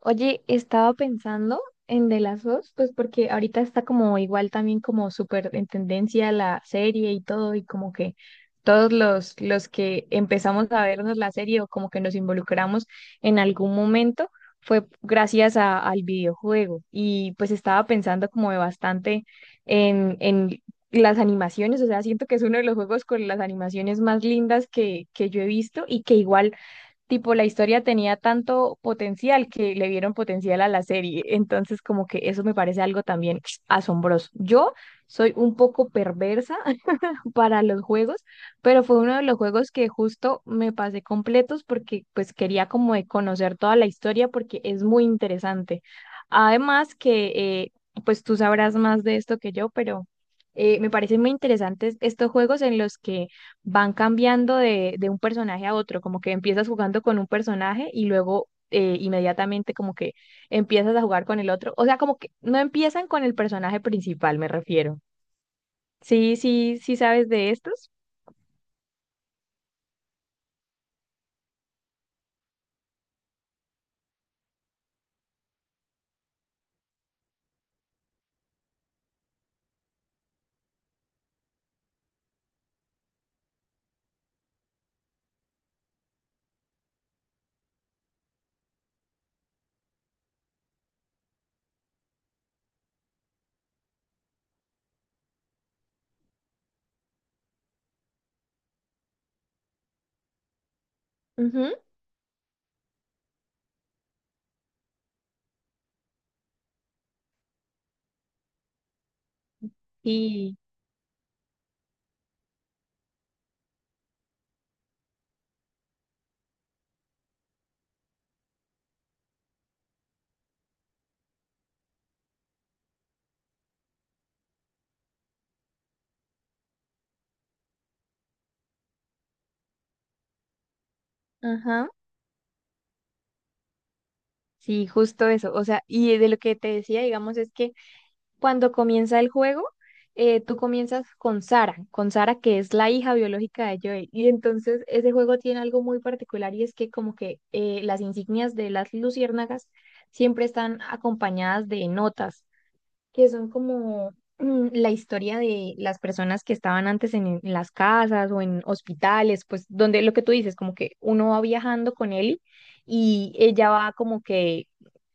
Oye, estaba pensando en de las dos, pues porque ahorita está como igual también como súper en tendencia la serie y todo, y como que todos los que empezamos a vernos la serie o como que nos involucramos en algún momento fue gracias al videojuego. Y pues estaba pensando como de bastante en las animaciones, o sea, siento que es uno de los juegos con las animaciones más lindas que yo he visto y que igual tipo la historia tenía tanto potencial que le dieron potencial a la serie. Entonces, como que eso me parece algo también asombroso. Yo soy un poco perversa para los juegos, pero fue uno de los juegos que justo me pasé completos porque pues quería como de conocer toda la historia porque es muy interesante. Además que pues tú sabrás más de esto que yo, pero me parecen muy interesantes estos juegos en los que van cambiando de un personaje a otro, como que empiezas jugando con un personaje y luego inmediatamente como que empiezas a jugar con el otro, o sea, como que no empiezan con el personaje principal, me refiero. Sí, sí, sí sabes de estos. Ujú. Y, ajá, sí, justo eso. O sea, y de lo que te decía, digamos, es que cuando comienza el juego, tú comienzas con Sara que es la hija biológica de Joel. Y entonces ese juego tiene algo muy particular y es que como que las insignias de las luciérnagas siempre están acompañadas de notas, que son como la historia de las personas que estaban antes en las casas o en hospitales, pues donde lo que tú dices, como que uno va viajando con él y ella va como que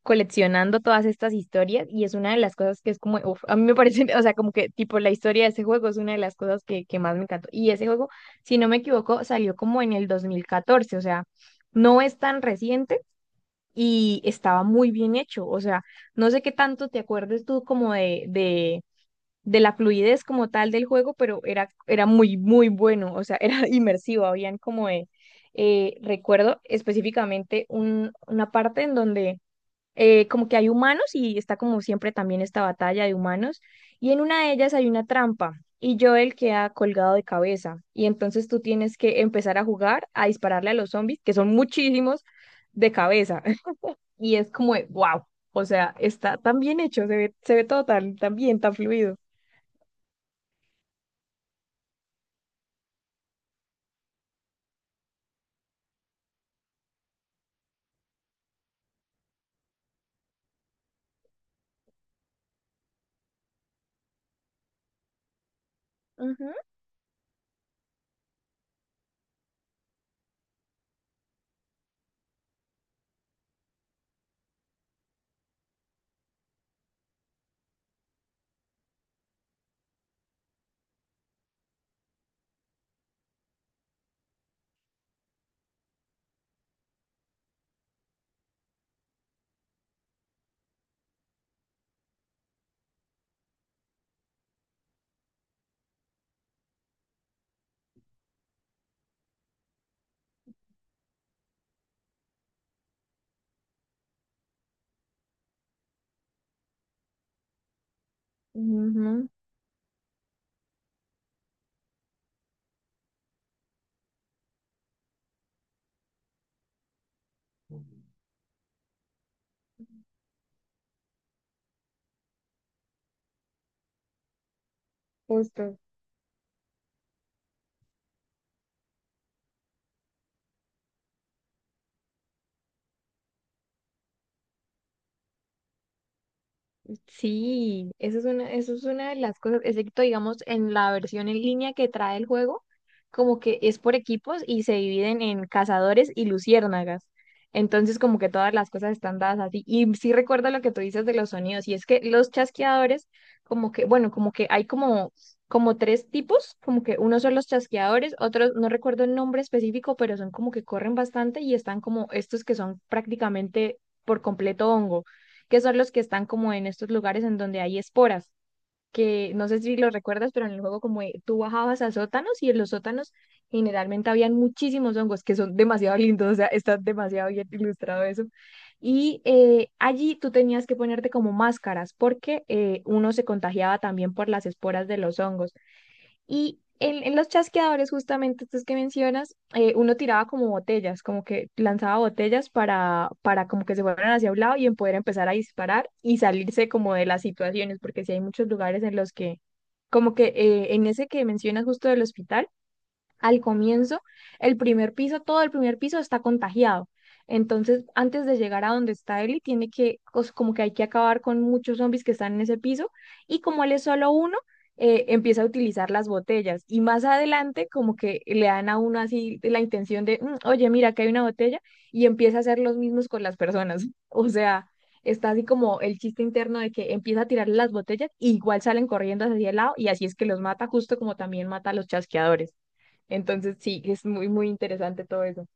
coleccionando todas estas historias y es una de las cosas que es como, uf, a mí me parece, o sea, como que tipo la historia de ese juego es una de las cosas que más me encantó. Y ese juego, si no me equivoco, salió como en el 2014, o sea, no es tan reciente y estaba muy bien hecho. O sea, no sé qué tanto te acuerdes tú como de la fluidez como tal del juego, pero era muy, muy bueno. O sea, era inmersivo. Habían como de, recuerdo específicamente una parte en donde como que hay humanos y está como siempre también esta batalla de humanos. Y en una de ellas hay una trampa. Y Joel queda colgado de cabeza. Y entonces tú tienes que empezar a jugar, a dispararle a los zombies, que son muchísimos, de cabeza, y es como de, wow, o sea, está tan bien hecho, se ve todo tan, tan bien, tan fluido. Ujú, ujú, justo. Sí, eso es una de las cosas, excepto digamos en la versión en línea que trae el juego, como que es por equipos y se dividen en cazadores y luciérnagas. Entonces como que todas las cosas están dadas así. Y sí recuerda lo que tú dices de los sonidos, y es que los chasqueadores, como que, bueno, como que hay como tres tipos, como que unos son los chasqueadores, otros, no recuerdo el nombre específico, pero son como que corren bastante y están como estos que son prácticamente por completo hongo, que son los que están como en estos lugares en donde hay esporas, que no sé si lo recuerdas, pero en el juego como tú bajabas a sótanos y en los sótanos generalmente habían muchísimos hongos que son demasiado lindos, o sea, está demasiado bien ilustrado eso. Y allí tú tenías que ponerte como máscaras porque uno se contagiaba también por las esporas de los hongos. Y en los chasqueadores, justamente estos que mencionas, uno tiraba como botellas, como que lanzaba botellas para como que se fueran hacia un lado y en poder empezar a disparar y salirse como de las situaciones, porque sí hay muchos lugares en los que, como que en ese que mencionas justo del hospital, al comienzo, el primer piso, todo el primer piso está contagiado. Entonces, antes de llegar a donde está Ellie, tiene que, como que hay que acabar con muchos zombies que están en ese piso. Y como él es solo uno, empieza a utilizar las botellas. Y más adelante, como que le dan a uno así la intención de, "Mm, oye, mira, acá hay una botella". Y empieza a hacer los mismos con las personas. O sea, está así como el chiste interno de que empieza a tirar las botellas y igual salen corriendo hacia el lado. Y así es que los mata, justo como también mata a los chasqueadores. Entonces sí, es muy, muy interesante todo eso.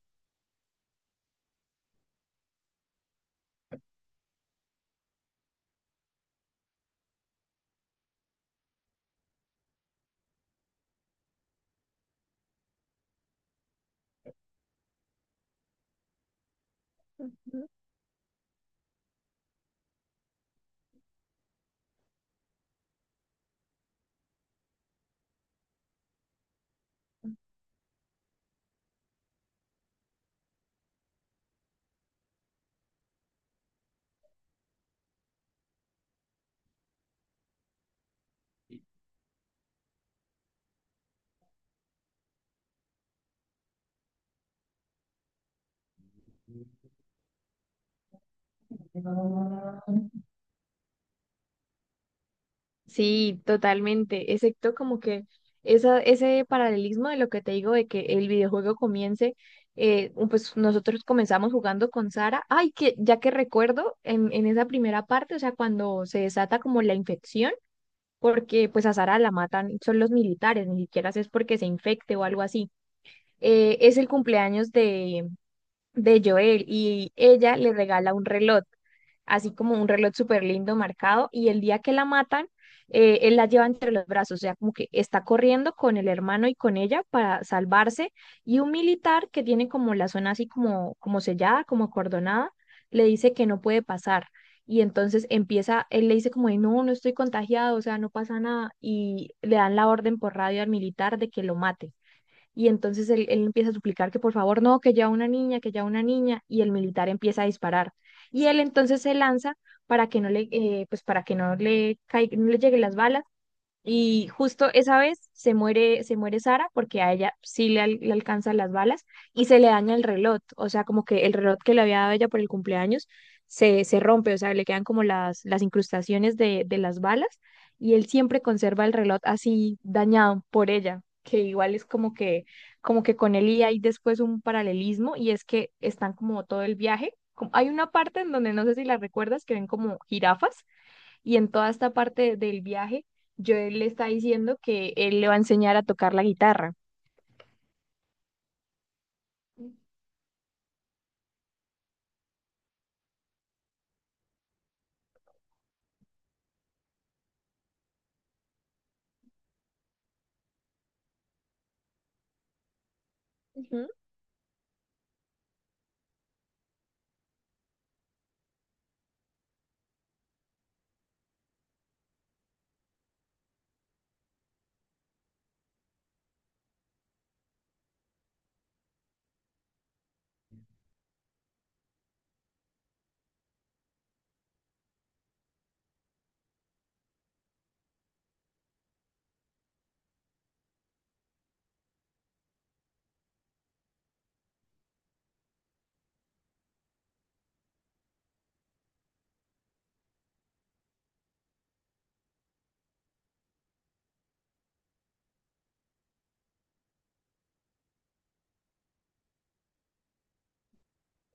Sí, totalmente, excepto como que esa, ese paralelismo de lo que te digo de que el videojuego comience, pues nosotros comenzamos jugando con Sara, ay, que ya que recuerdo en esa primera parte, o sea, cuando se desata como la infección, porque pues a Sara la matan, son los militares, ni siquiera es porque se infecte o algo así. Es el cumpleaños de Joel y ella le regala un reloj, así como un reloj súper lindo marcado, y el día que la matan, él la lleva entre los brazos, o sea, como que está corriendo con el hermano y con ella para salvarse, y un militar que tiene como la zona así como, como sellada, como acordonada, le dice que no puede pasar. Y entonces empieza, él le dice como, de, no, no estoy contagiado, o sea, no pasa nada. Y le dan la orden por radio al militar de que lo mate. Y entonces él empieza a suplicar que por favor no, que ya una niña, que ya una niña, y el militar empieza a disparar. Y él entonces se lanza para que no le, pues para que no le, no le lleguen las balas, y justo esa vez se muere Sara porque a ella sí le, le alcanzan las balas y se le daña el reloj. O sea, como que el reloj que le había dado ella por el cumpleaños se rompe, o sea, le quedan como las incrustaciones de las balas, y él siempre conserva el reloj así dañado por ella, que igual es como que con él, y hay después un paralelismo y es que están como todo el viaje. Como, hay una parte en donde no sé si la recuerdas que ven como jirafas, y en toda esta parte del viaje, Joel le está diciendo que él le va a enseñar a tocar la guitarra. Ujú.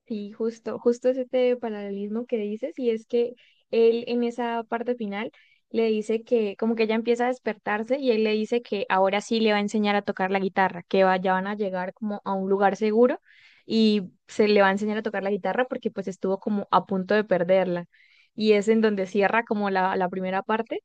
Sí, justo, justo es este paralelismo que dices, y es que él en esa parte final le dice que como que ella empieza a despertarse y él le dice que ahora sí le va a enseñar a tocar la guitarra, que ya van a llegar como a un lugar seguro y se le va a enseñar a tocar la guitarra porque pues estuvo como a punto de perderla. Y es en donde cierra como la primera parte,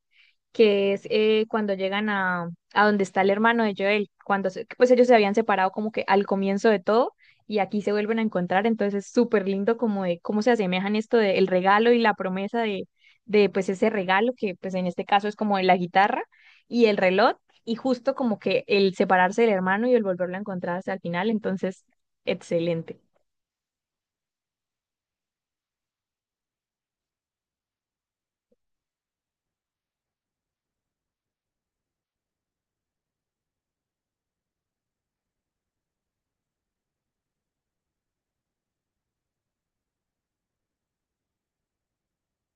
que es cuando llegan a donde está el hermano de Joel, cuando pues ellos se habían separado como que al comienzo de todo y aquí se vuelven a encontrar, entonces es súper lindo como de cómo se asemejan esto del regalo y la promesa de pues ese regalo que pues en este caso es como de la guitarra y el reloj, y justo como que el separarse del hermano y el volverlo a encontrar hasta el final, entonces excelente.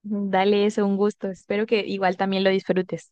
Dale eso, un gusto, espero que igual también lo disfrutes.